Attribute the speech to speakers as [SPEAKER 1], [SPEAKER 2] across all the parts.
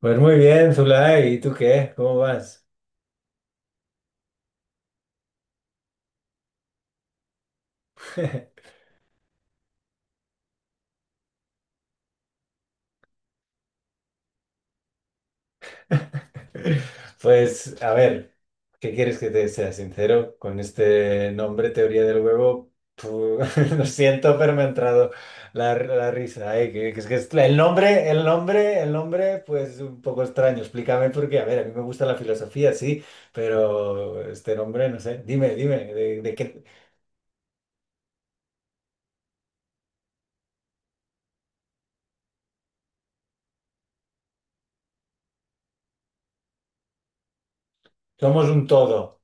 [SPEAKER 1] Pues muy bien, Zulay, ¿y tú qué? ¿Cómo vas? Pues a ver, ¿qué quieres que te sea sincero? Con este nombre, teoría del huevo, lo siento, pero me ha entrado la risa. Ay, el nombre, pues un poco extraño. Explícame porque, a ver, a mí me gusta la filosofía, sí, pero este nombre, no sé. Dime, ¿de qué? Somos un todo.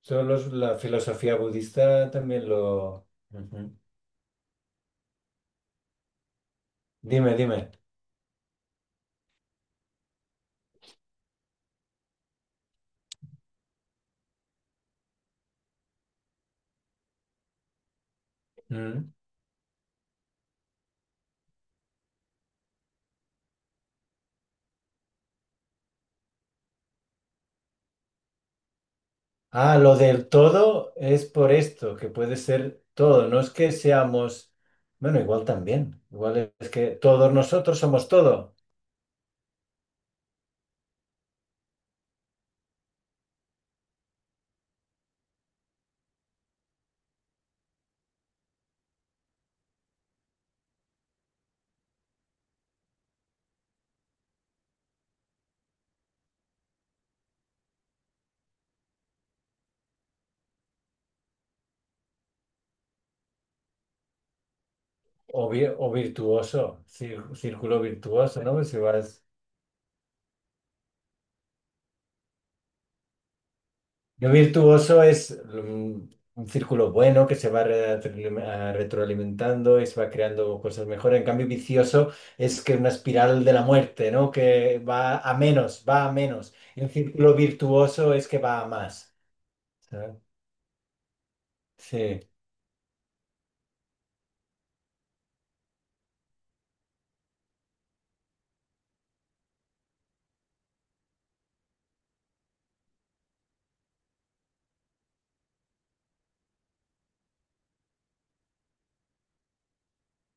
[SPEAKER 1] Solo la filosofía budista también lo... Ujú. Dime, dime. Mm. Ah, lo del todo es por esto, que puede ser todo. No es que seamos, bueno, igual también. Igual es que todos nosotros somos todo. O, o virtuoso, círculo virtuoso, ¿no? Si vas. Yo virtuoso es un, círculo bueno que se va retroalimentando y se va creando cosas mejores. En cambio, vicioso es que una espiral de la muerte, ¿no? Que va a menos, va a menos. Y un círculo virtuoso es que va a más. ¿Sabes? Sí,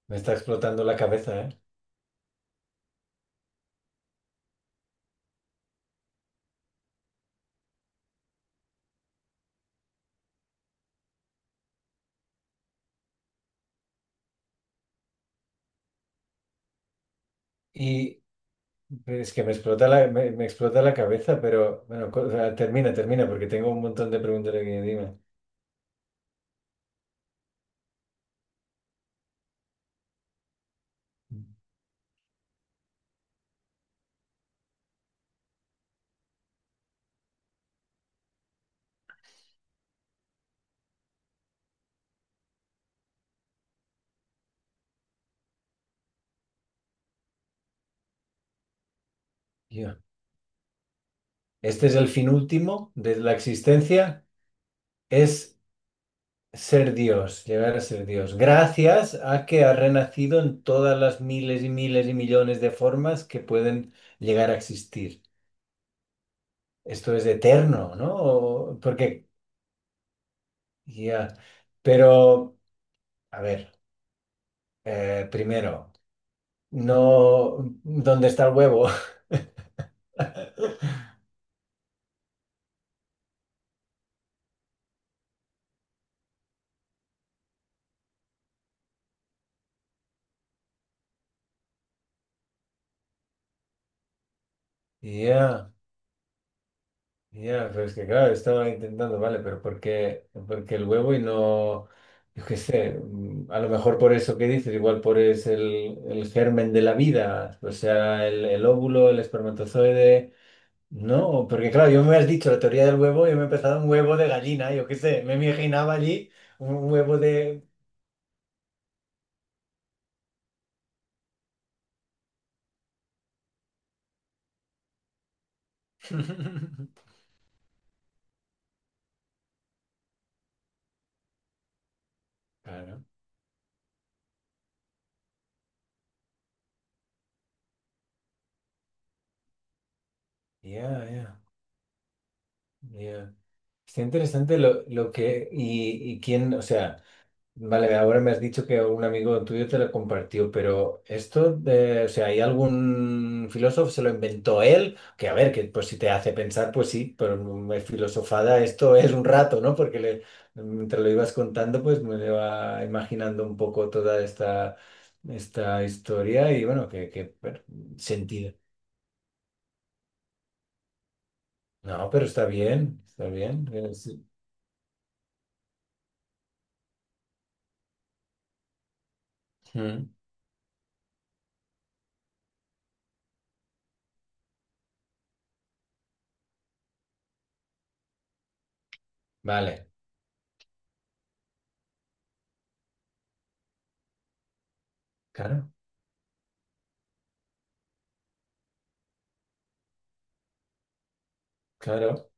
[SPEAKER 1] me está explotando la cabeza, ¿eh? Y es que me explota me explota la cabeza, pero bueno, o sea, termina, porque tengo un montón de preguntas aquí encima. Ya. Este es el fin último de la existencia. Es ser Dios, llegar a ser Dios. Gracias a que ha renacido en todas las miles y miles y millones de formas que pueden llegar a existir. Esto es eterno, ¿no? Porque, ya. Pero, a ver, primero, no, ¿dónde está el huevo? Ya. Ya, pero es que claro, estaba intentando, vale, pero ¿por qué el huevo y no, yo qué sé, a lo mejor por eso que dices, igual por es el germen de la vida, o sea, el óvulo, el espermatozoide, no, porque claro, yo me has dicho la teoría del huevo y yo me he empezado un huevo de gallina, yo qué sé, me imaginaba allí un huevo de... Claro, ya, ya, ya. Está interesante lo que, quién, o sea... Vale, ahora me has dicho que un amigo tuyo te lo compartió, pero esto de, o sea, ¿hay algún filósofo se lo inventó él? Que a ver, que pues si te hace pensar, pues sí, pero me filosofada esto es un rato, ¿no? Porque le, mientras lo ibas contando, pues me iba imaginando un poco toda esta, esta historia y bueno, que bueno, sentido. No, pero está bien, está bien. Sí. Mm. Vale, claro, claro,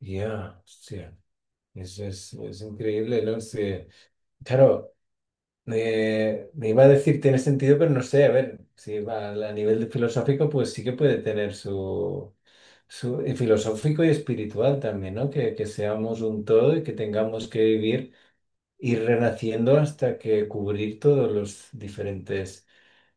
[SPEAKER 1] ya, hostia. Eso es increíble, ¿no? Sí. Claro, me iba a decir tiene sentido, pero no sé, a ver, si va a nivel de filosófico, pues sí que puede tener su, su y filosófico y espiritual también, ¿no? Que seamos un todo y que tengamos que vivir, ir renaciendo hasta que cubrir todos los diferentes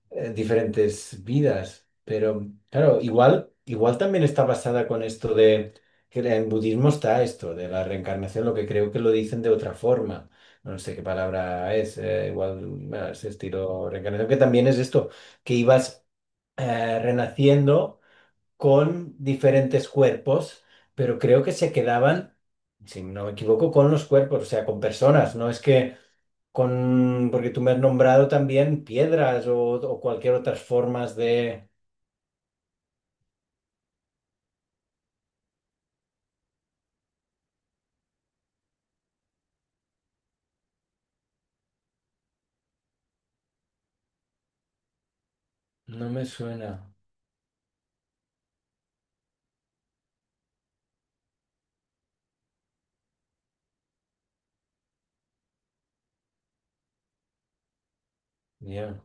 [SPEAKER 1] diferentes vidas. Pero claro, igual, igual también está basada con esto de que en budismo está esto de la reencarnación, lo que creo que lo dicen de otra forma. No sé qué palabra es, igual bueno, es estilo reencarnación, que también es esto, que ibas renaciendo con diferentes cuerpos, pero creo que se quedaban, si no me equivoco, con los cuerpos, o sea, con personas. No es que con, porque tú me has nombrado también piedras o cualquier otras formas de... No me suena. Ya.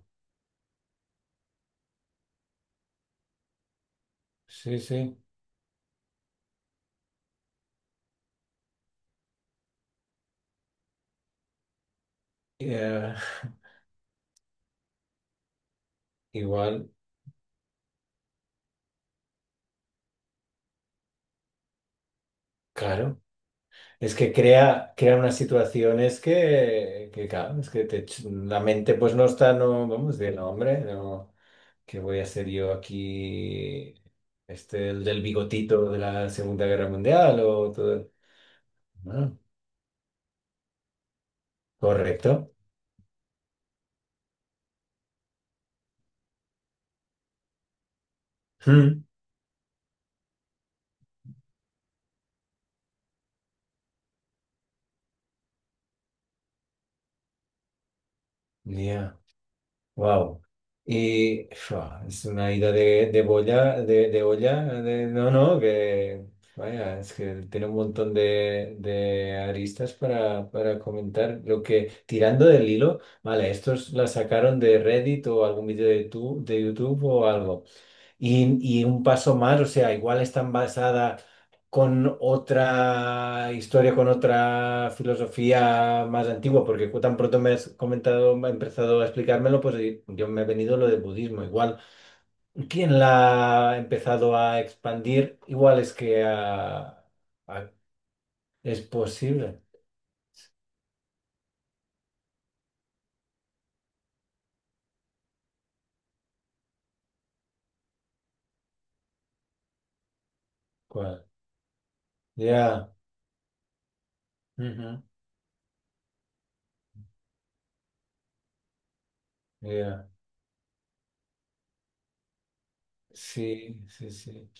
[SPEAKER 1] Sí, sí. Eh, igual, claro. Es que crea unas situaciones que claro, es que te la mente pues no está, no, vamos, de no, hombre, no, ¿qué voy a hacer yo aquí? Este, el del bigotito de la Segunda Guerra Mundial o todo. Ah, correcto. Hmm. Ya. Wow. Y fua, es una ida de boya, de olla, no, no, que vaya, es que tiene un montón de aristas para comentar. Lo que, tirando del hilo, vale, estos la sacaron de Reddit o algún vídeo de, tu, de YouTube o algo. Y un paso más, o sea, igual están basada con otra historia, con otra filosofía más antigua, porque tan pronto me has comentado, me has empezado a explicármelo, pues yo me he venido lo del budismo. Igual, ¿quién la ha empezado a expandir? Igual es que ah, es posible. ¿Cuál? Ya. Ujú, ya. Sí, sí, sí.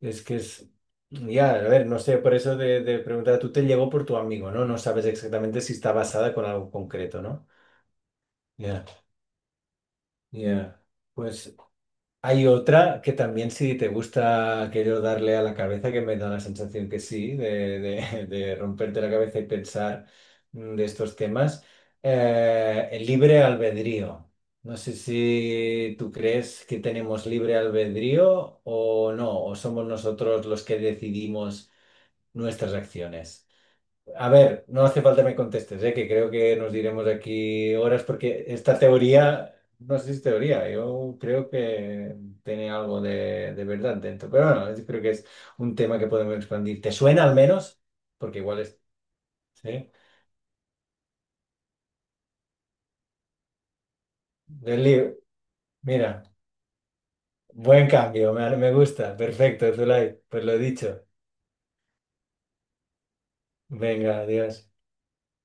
[SPEAKER 1] Es que es. Ya, a ver, no sé, por eso de preguntar, tú te llegó por tu amigo, ¿no? No sabes exactamente si está basada con algo concreto, ¿no? Ya, ya. Pues hay otra que también, si te gusta aquello darle a la cabeza, que me da la sensación que sí, de, de romperte la cabeza y pensar de estos temas, el libre albedrío. No sé si tú crees que tenemos libre albedrío o no, o somos nosotros los que decidimos nuestras acciones. A ver, no hace falta me contestes, ¿eh? Que creo que nos diremos aquí horas porque esta teoría, no sé si es teoría, yo creo que tiene algo de verdad dentro. Pero bueno, yo creo que es un tema que podemos expandir. ¿Te suena al menos? Porque igual es... ¿Sí? Del libro. Mira, buen cambio, me gusta. Perfecto, Zulay. Pues lo dicho. Venga, adiós.